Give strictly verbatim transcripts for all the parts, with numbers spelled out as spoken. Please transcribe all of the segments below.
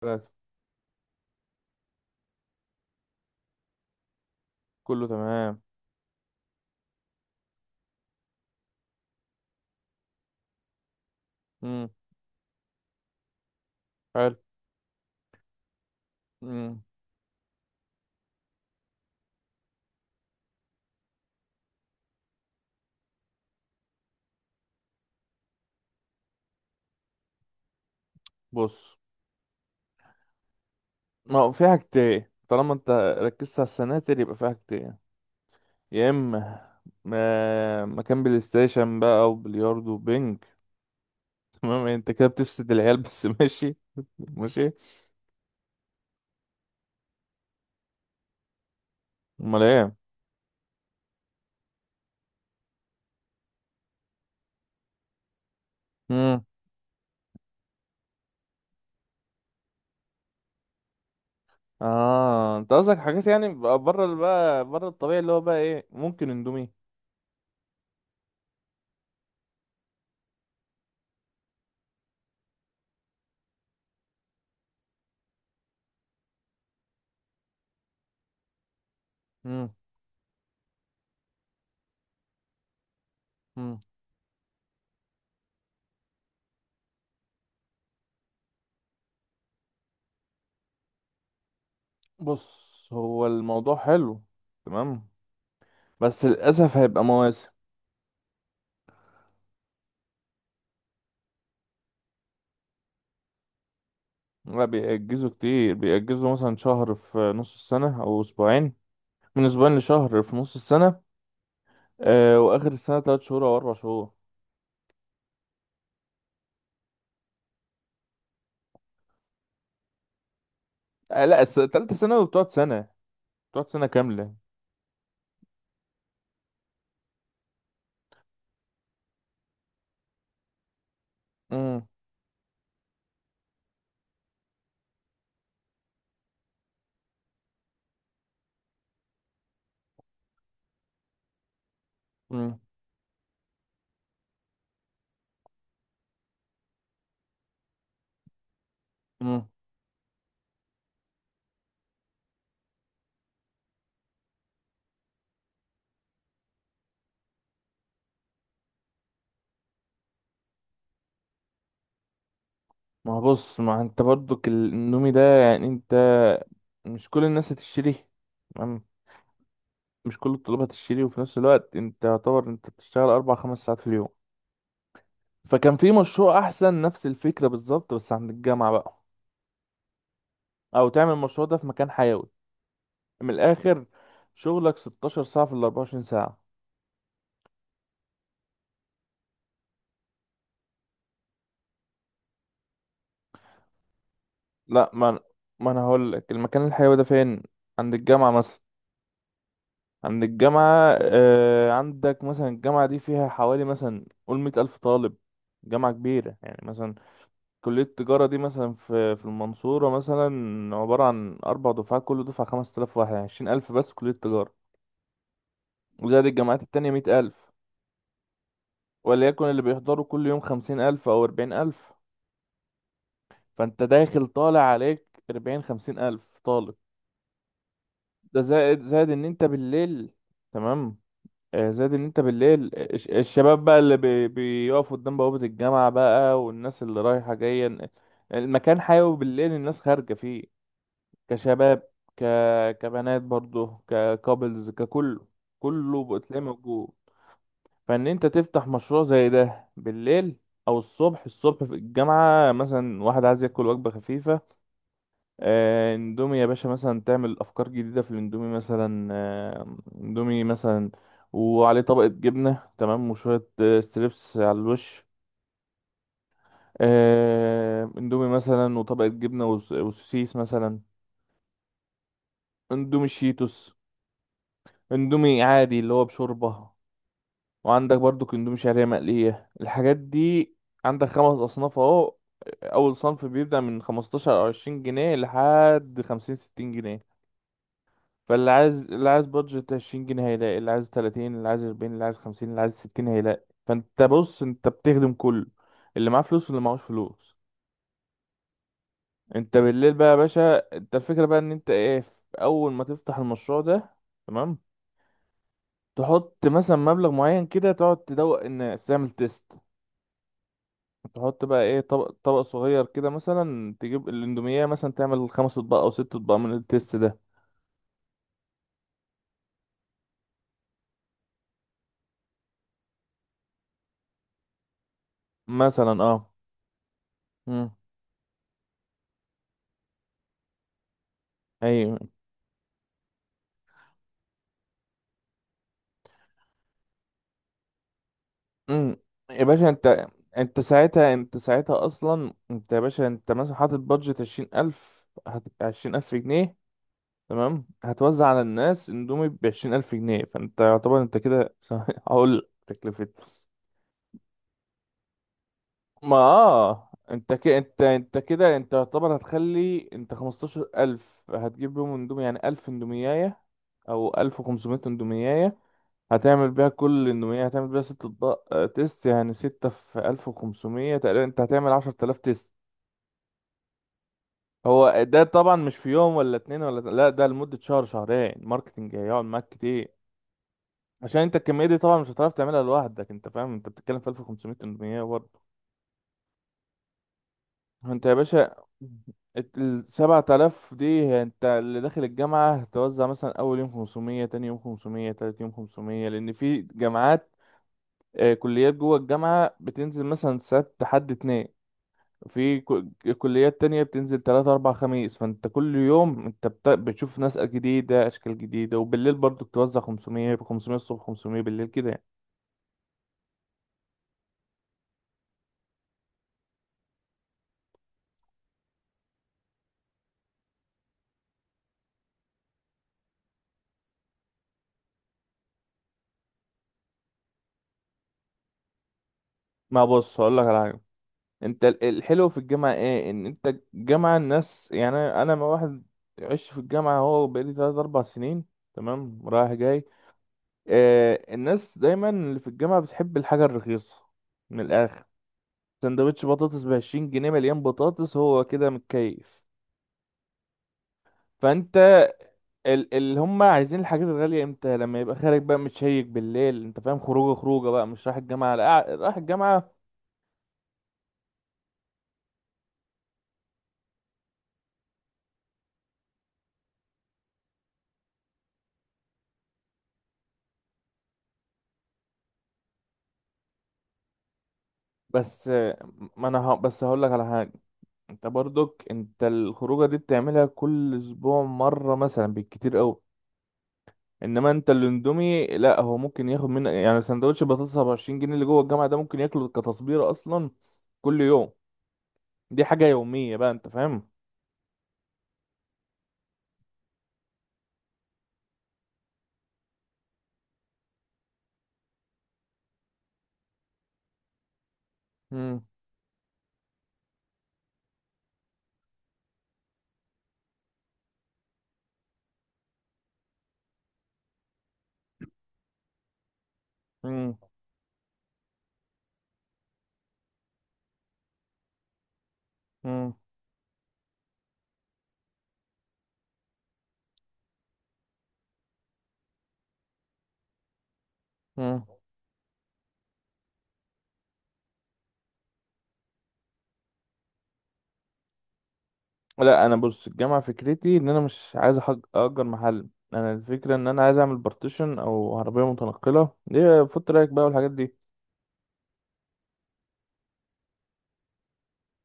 ثلاثة. كله تمام. امم حلو. امم بص، ما هو في حاجتين طالما انت ركزت على السناتر، يبقى في حاجتين. يا اما ما- مكان بلاي ستيشن بقى، او بلياردو وبينج تمام، انت كده بتفسد العيال بس ماشي، ماشي. امال ايه؟ امم اه، انت قصدك حاجات يعني بقى بره ال- بقى بره الطبيعي اللي هو بقى ايه، ممكن اندومي. امم امم بص، هو الموضوع حلو. تمام. بس للاسف هيبقى مواسم. لا، بيأجزوا كتير، بيأجزوا مثلا شهر في نص السنة أو أسبوعين، من أسبوعين لشهر في نص السنة. آه، وآخر السنة تلات شهور أو أربع شهور. آه لا، الس- تالتة ثانوي بتقعد سنة، بتقعد سنة كاملة. مم. مم. مم. ما هو بص، ما أنت برضك ال- النومي ده، يعني أنت مش كل الناس هتشتري، تمام؟ مش كل الطلاب هتشتري، وفي نفس الوقت أنت يعتبر أنت بتشتغل أربع خمس ساعات في اليوم. فكان في مشروع أحسن، نفس الفكرة بالظبط بس عند الجامعة بقى، أو تعمل المشروع ده في مكان حيوي. من الاخر، شغلك 16 ساعة في ال 24 ساعة. لا ما أنا- ما انا هقول لك المكان الحيوي ده فين. عند الجامعة مثلا. عند الجامعة، آه عندك مثلا الجامعة دي فيها حوالي، مثلا قول، مية ألف طالب. جامعة كبيرة يعني مثلا. كلية التجارة دي مثلا في في المنصورة، مثلا عبارة عن أربع دفعات، كل دفعة خمس آلاف واحد، يعني عشرين ألف بس كلية التجارة. وزائد الجامعات التانية مية ألف. وليكن اللي بيحضروا كل يوم خمسين ألف أو أربعين ألف. فانت داخل طالع عليك اربعين خمسين الف طالب. ده زائد، زائد ان انت بالليل، تمام. آه، زائد ان انت بالليل الش- الشباب بقى اللي بي- بيقفوا قدام بوابة الجامعة بقى، والناس اللي رايحة جاية. المكان حيوي بالليل، الناس خارجة فيه. كشباب، ك... كبنات برضه، ككابلز، ككله، كله بتلاقيه موجود. فان انت تفتح مشروع زي ده بالليل، او الصبح. الصبح في الجامعة مثلا، واحد عايز ياكل وجبة خفيفة. آه، اندومي يا باشا، مثلا تعمل افكار جديده في الاندومي مثلا، آه اندومي مثلا وعليه طبقه جبنه، تمام، وشويه آه ستريبس على الوش. آه، اندومي مثلا وطبقه جبنه وس- وسوسيس مثلا. اندومي شيتوس، اندومي عادي اللي هو بشوربه. وعندك برضو اندومي شعريه مقليه، الحاجات دي. عندك خمس اصناف اهو. اول صنف بيبدأ من خمستاشر او عشرين جنيه لحد خمسين ستين جنيه. فاللي عايز اللي عايز بادجت عشرين جنيه هيلاقي، اللي عايز تلاتين، اللي عايز اربعين، اللي عايز خمسين، اللي عايز ستين هيلاقي. فانت بص، انت بتخدم كله، اللي معاه فلوس واللي معهوش فلوس. انت بالليل بقى يا باشا، انت الفكرة بقى ان انت ايه، في اول ما تفتح المشروع ده، تمام. تحط مثلا مبلغ معين كده، تقعد تدوق الناس، تعمل تيست. تحط بقى ايه، طبق طبق صغير كده مثلا، تجيب الاندومية مثلا، تعمل خمس اطباق او ست اطباق من التيست ده، مثلا. اه. مم. ايوه. امم يا باشا، انت انت ساعتها انت ساعتها اصلا، انت يا باشا انت مثلا حاطط بادجت عشرين الف، هت... عشرين الف جنيه، تمام. هتوزع على الناس اندومي بعشرين الف جنيه، فانت يعتبر انت كده هقول لك تكلفة. ما اه، انت كده انت انت كده انت يعتبر هتخلي، انت خمستاشر الف هتجيب بيهم اندومي، يعني الف اندومياية، او الف وخمسمية اندومياية، هتعمل بيها كل انه ايه هتعمل بيها ست اطباق آه تيست، يعني ستة في الف وخمسمية تقريبا، انت هتعمل عشر تلاف تيست. هو ده طبعا مش في يوم ولا اتنين ولا تل- لا، ده لمدة شهر شهرين، ماركتنج هيقعد معاك كتير. عشان انت الكمية دي طبعا مش هتعرف تعملها لوحدك، انت فاهم، انت بتتكلم في الف وخمسمية تمنمية برضه. انت يا باشا، السبعة آلاف دي انت اللي داخل الجامعة هتوزع مثلا أول يوم خمسمية، تاني يوم خمسمية، تالت يوم خمسمية، لأن في جامعات آه كليات جوه الجامعة بتنزل مثلا سبت حد اتنين. في كو- كليات تانية بتنزل تلاتة أربع خميس. فأنت كل يوم أنت بت- بتشوف ناس جديدة، أشكال جديدة. وبالليل برضو بتوزع خمسمية، خمسمية الصبح، خمسمية بالليل كده يعني. ما بص، هقول لك على حاجة. أنت ال- الحلو في الجامعة إيه، إن أنت الجامعة الناس، يعني أنا أنا ما واحد عشت في الجامعة، هو بقالي تلات أربع سنين، تمام، رايح جاي. آه الناس دايما اللي في الجامعة بتحب الحاجة الرخيصة، من الآخر. سندوتش بطاطس بعشرين جنيه مليان بطاطس، هو كده متكيف. فأنت، ال اللي هم عايزين الحاجات الغالية امتى؟ لما يبقى خارج بقى متشيك بالليل، انت فاهم، خروجه، خروجه بقى مش رايح الجامعة لا، قاعد- رايح الجامعة. بس آه، ما انا ه... بس هقول لك على حاجة. انت برضك انت الخروجه دي بتعملها كل اسبوع مرة مثلا بالكتير قوي. انما انت الاندومي لا، هو ممكن ياخد منك، يعني سندوتش بطاطس ب عشرين جنيه اللي جوه الجامعة ده ممكن ياكله كتصبيرة اصلا كل يوم. دي حاجة يومية بقى، انت فاهم. مم. مم. مم. لا انا بص، الجامعه فكرتي ان انا مش عايز أحج- اجر محل. انا الفكره ان انا عايز اعمل بارتيشن او عربيه متنقله، ايه فوت رايك بقى والحاجات دي.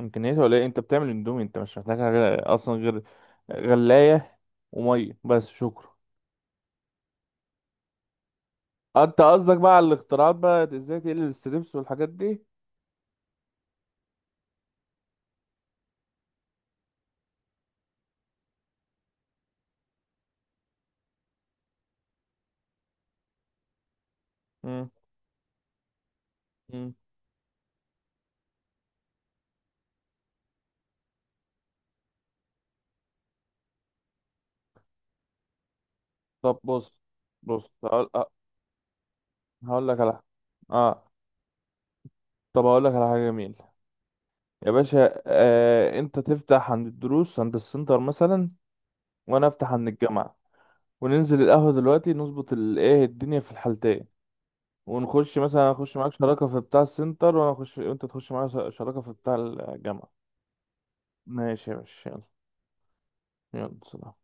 امكانياتها ولا ايه؟ انت بتعمل اندومي، انت مش محتاج حاجه اصلا غير غلايه وميه، بس. شكرا. آه، انت قصدك بقى على الاختراعات، بقى ازاي تقلل الستريبس والحاجات دي. مم. مم. طب بص. بص هقول آه، هقول لك على اه طب هقول لك على حاجه جميله. يا باشا، آه انت تفتح عند الدروس عند السنتر مثلا، وانا افتح عن الجامعة، وننزل القهوة دلوقتي نظبط الايه الدنيا في الحالتين. ونخش مثلا، اخش معاك شراكة في بتاع السنتر، وانا اخش وانت تخش معايا شراكة في بتاع الجامعة. ماشي يا باشا، يلا. يلا سلام.